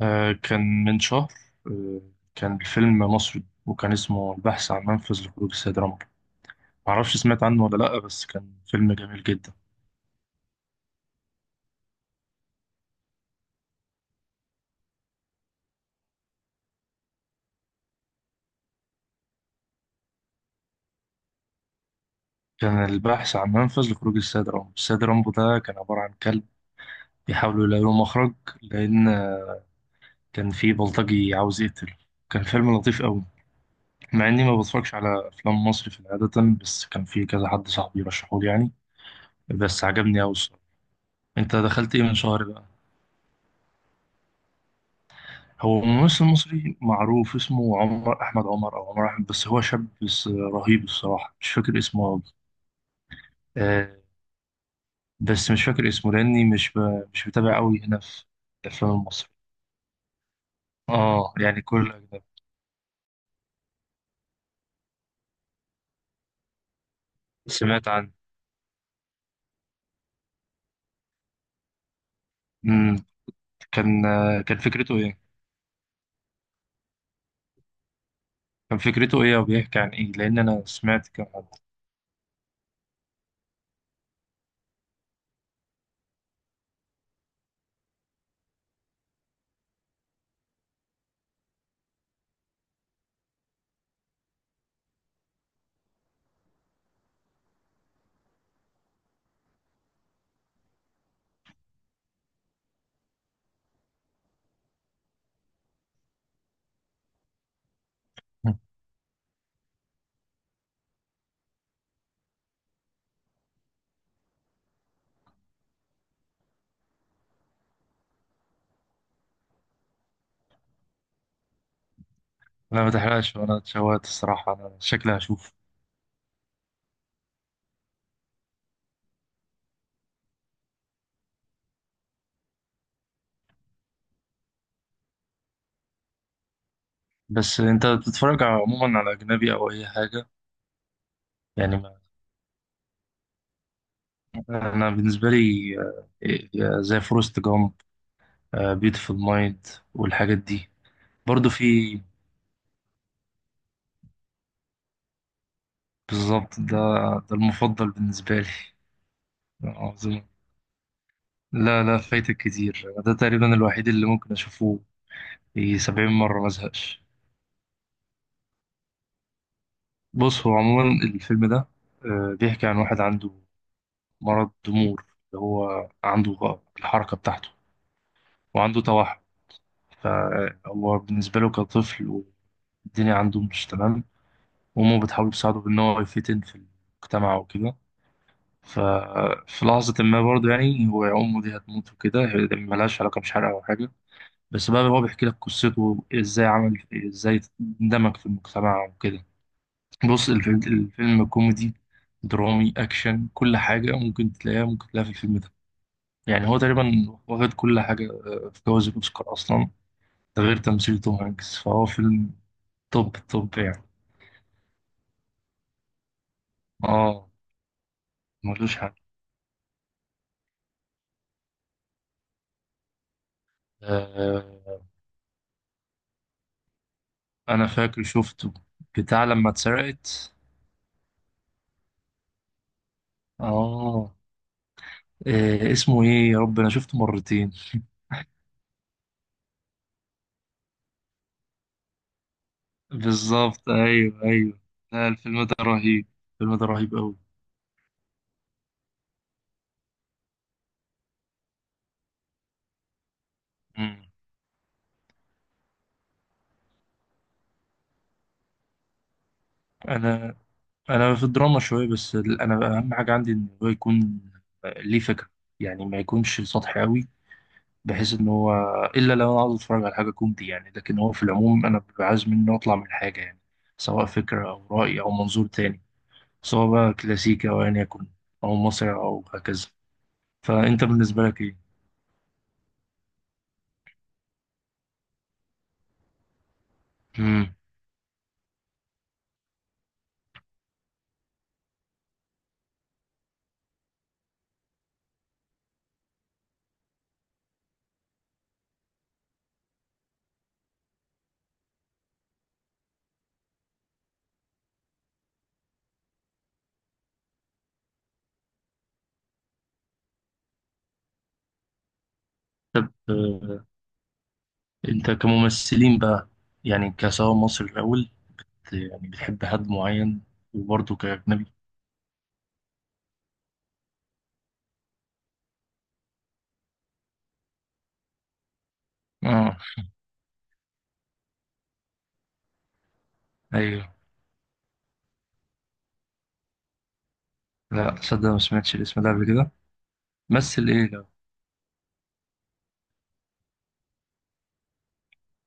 كان من شهر. آه، كان الفيلم مصري وكان اسمه البحث عن منفذ لخروج السيد رامبو. معرفش سمعت عنه ولا لأ، بس كان فيلم جميل جدا. كان البحث عن منفذ لخروج السيد رامبو. السيد رامبو ده كان عبارة عن كلب بيحاولوا يلاقوا له مخرج، لأن كان في بلطجي عاوز يقتله. كان فيلم لطيف قوي، مع إني ما بتفرجش على أفلام مصري في العادة، بس كان في كذا حد صاحبي رشحولي يعني. بس عجبني قوي الصراحة. أنت دخلت إيه من شهر بقى؟ هو ممثل مصري معروف اسمه عمر احمد عمر او عمر احمد، بس هو شاب بس رهيب الصراحه، مش فاكر اسمه قوي. آه. بس مش فاكر اسمه، لاني مش ب... مش متابع قوي هنا في الافلام المصري. اه يعني كل اجنبي. سمعت عنه. امم كان، كان فكرته ايه؟ كان فكرته ايه وبيحكي عن ايه؟ لان انا سمعت كم حد. مم. لا ما تحرقش، وانا اتشوقت الصراحه، انا شكلي هشوف. بس انت بتتفرج عموما على اجنبي او اي حاجه؟ يعني انا بالنسبه لي، زي فورست جامب، بيوتيفول مايند والحاجات دي. برضو في، بالظبط ده. ده المفضل بالنسبه لي. عظيم. لا لا، فايتك كتير. ده تقريبا الوحيد اللي ممكن اشوفه في 70 مره ما ازهقش. بص هو عموما الفيلم ده، بيحكي عن واحد عنده مرض ضمور، اللي هو عنده الحركه بتاعته، وعنده توحد. فهو بالنسبه له كطفل، والدنيا عنده مش تمام. وأمه بتحاول تساعده بإن هو يفتن في المجتمع وكده. ففي لحظة ما برضه، يعني هو أمه دي هتموت وكده، هي دي ملهاش علاقة، مش حرق أو حاجة. بس بقى هو بيحكي لك قصته إزاي، عمل إزاي اندمج في المجتمع وكده. بص الفيلم كوميدي، درامي، أكشن، كل حاجة ممكن تلاقيها، ممكن تلاقيها في الفيلم ده. يعني هو تقريبا واخد كل حاجة، في جوائز الأوسكار أصلا. ده غير تمثيل توم هانكس. فهو فيلم توب توب يعني. اه، ملوش حل. آه، انا فاكر شفته، بتاع لما اتسرقت. اه، إيه اسمه، ايه يا رب، انا شفته مرتين. بالظبط، ايوه ايوه. لا الفيلم ده رهيب. الفيلم ده رهيب قوي. مم. انا انا في الدراما شويه، انا اهم حاجه عندي ان هو يكون ليه فكره. يعني ما يكونش سطحي قوي، بحيث ان هو، الا لو انا عاوز اتفرج على حاجه كوميدي يعني. لكن هو في العموم انا ببقى عايز منه اطلع من حاجه يعني، سواء فكره او راي او منظور تاني. سواء بقى كلاسيكي أو أيا يكن، أو مصري أو هكذا. فأنت بالنسبة لك إيه؟ مم. طب، أنت كممثلين بقى، يعني كسواء مصري الأول، يعني بتحب حد معين؟ وبرضه كأجنبي؟ آه. أيوه. لا صدق، ما سمعتش الاسم ده قبل كده. مثل إيه ده؟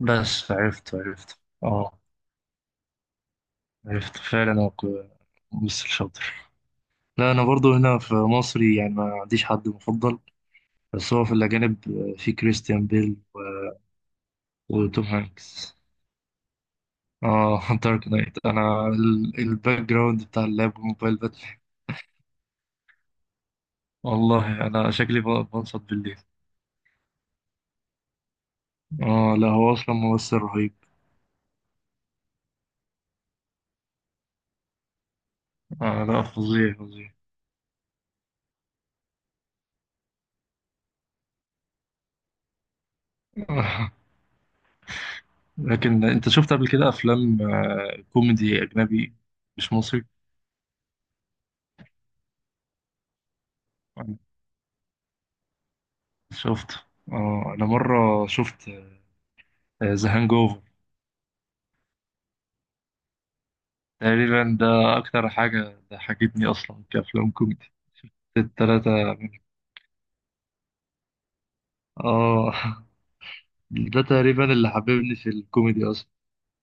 بس عرفت، عرفت آه. عرفت فعلا أنا. ممثل شاطر. لا أنا برضه هنا في مصري يعني ما عنديش حد مفضل. بس هو في الأجانب، في كريستيان بيل وتوم هانكس. اه، دارك نايت، الباك جراوند بتاع اللاب والموبايل باتل. والله انا شكلي بنصت بالليل. اه لا هو اصلا ممثل رهيب. آه لا، فظيع فظيع. آه، لكن انت شفت قبل كده افلام، كوميدي اجنبي، مش مصري؟ شفت. اه انا مره شفت ذا هانج اوفر. تقريبا ده اكتر حاجه ضحكتني اصلا كافلام كوميدي، التلاتة. اه. ده تقريبا اللي حببني في الكوميدي اصلا.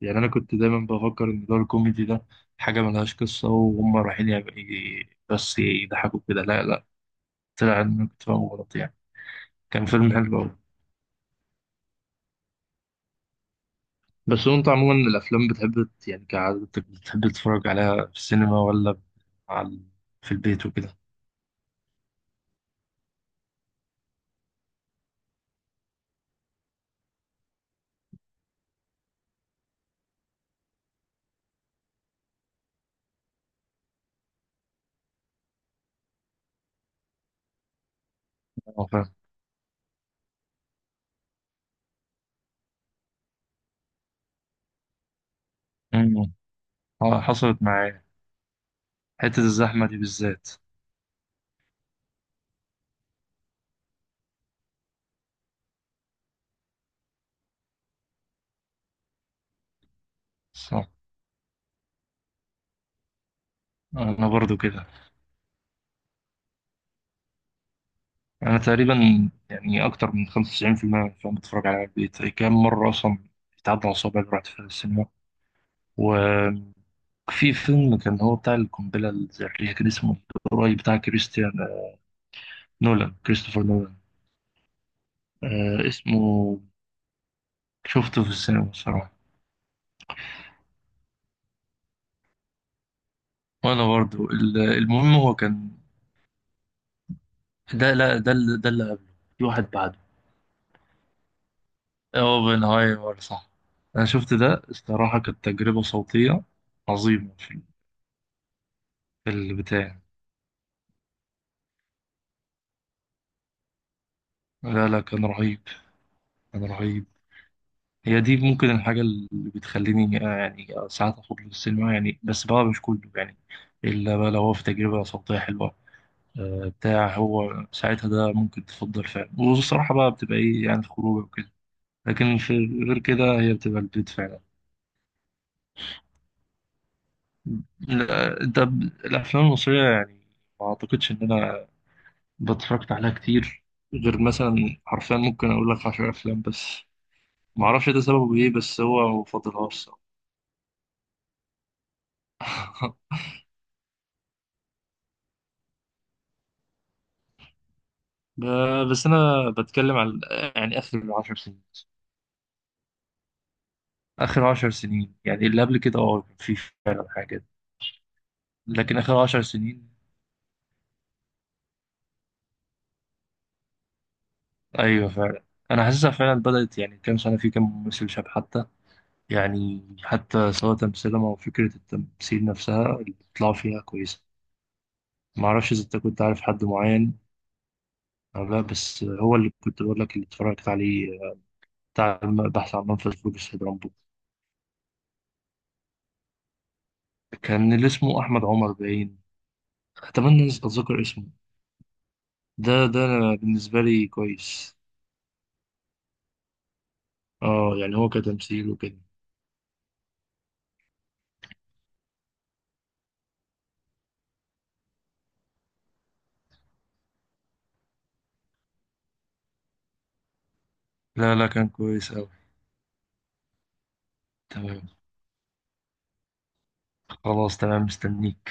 يعني انا كنت دايما بفكر ان دور الكوميدي ده حاجه ملهاش قصه وهم رايحين بس يضحكوا كده. لا لا، طلع ان أنا كنت فاهم غلط يعني. كان فيلم حلو قوي. بس هو انت عموما الافلام بتحب يعني كعادتك بتحب تتفرج عليها في السينما ولا على، في البيت وكده؟ اه فاهم. أمم. حصلت معايا حته الزحمه دي بالذات. صح. انا برضو كده. انا تقريبا يعني اكتر من 95% من الافلام بتفرج عليها في البيت. كام مره اصلا بتعدي على صوابعي رحت في السينما. وفي فيلم كان هو بتاع القنبلة الذرية، كان اسمه، القريب بتاع كريستيان، نولان، كريستوفر نولان. آه اسمه. شفته في السينما الصراحة. وأنا برضو المهم هو كان، ده لا، ده اللي قبله، في واحد بعده. اوبنهايمر، صح. أنا شفت ده الصراحة، كانت تجربة صوتية عظيمة في، في البتاع. لا لا كان رهيب. كان رهيب. هي دي ممكن الحاجة اللي بتخليني، يعني ساعات أخرج للسينما يعني. بس بقى مش كله يعني، إلا بقى لو هو في تجربة صوتية حلوة، بتاع. هو ساعتها ده ممكن تفضل فعلا، والصراحة بقى بتبقى إيه يعني، خروجة وكده. لكن في غير كده هي بتبقى البيت فعلا. لا، الأفلام المصرية يعني ما أعتقدش إن أنا بتفرجت عليها كتير، غير مثلا حرفيا ممكن أقول لك 10 أفلام بس. معرفش ده سببه إيه، بس هو مفضلهاش الصراحة. بس انا بتكلم على يعني اخر 10 سنين. اخر عشر سنين، يعني اللي قبل كده اه كان في فعلا حاجات، لكن اخر 10 سنين، ايوه فعلا. انا حاسسها فعلا بدأت يعني كام سنة، في كام ممثل شاب حتى، يعني حتى سواء تمثيلهم او فكرة التمثيل نفسها اللي طلعوا فيها كويسة. ما اعرفش اذا انت كنت عارف حد معين او لا، بس هو اللي كنت بقول لك اللي اتفرجت عليه، بتاع البحث عن منفذ خروج السيد رامبو، كان اللي اسمه احمد عمر باين. اتمنى أن اتذكر اسمه. ده أنا بالنسبة لي كويس. اه يعني هو كتمثيل وكده. لا لا كان كويس أوي. تمام. خلاص تمام، مستنيك.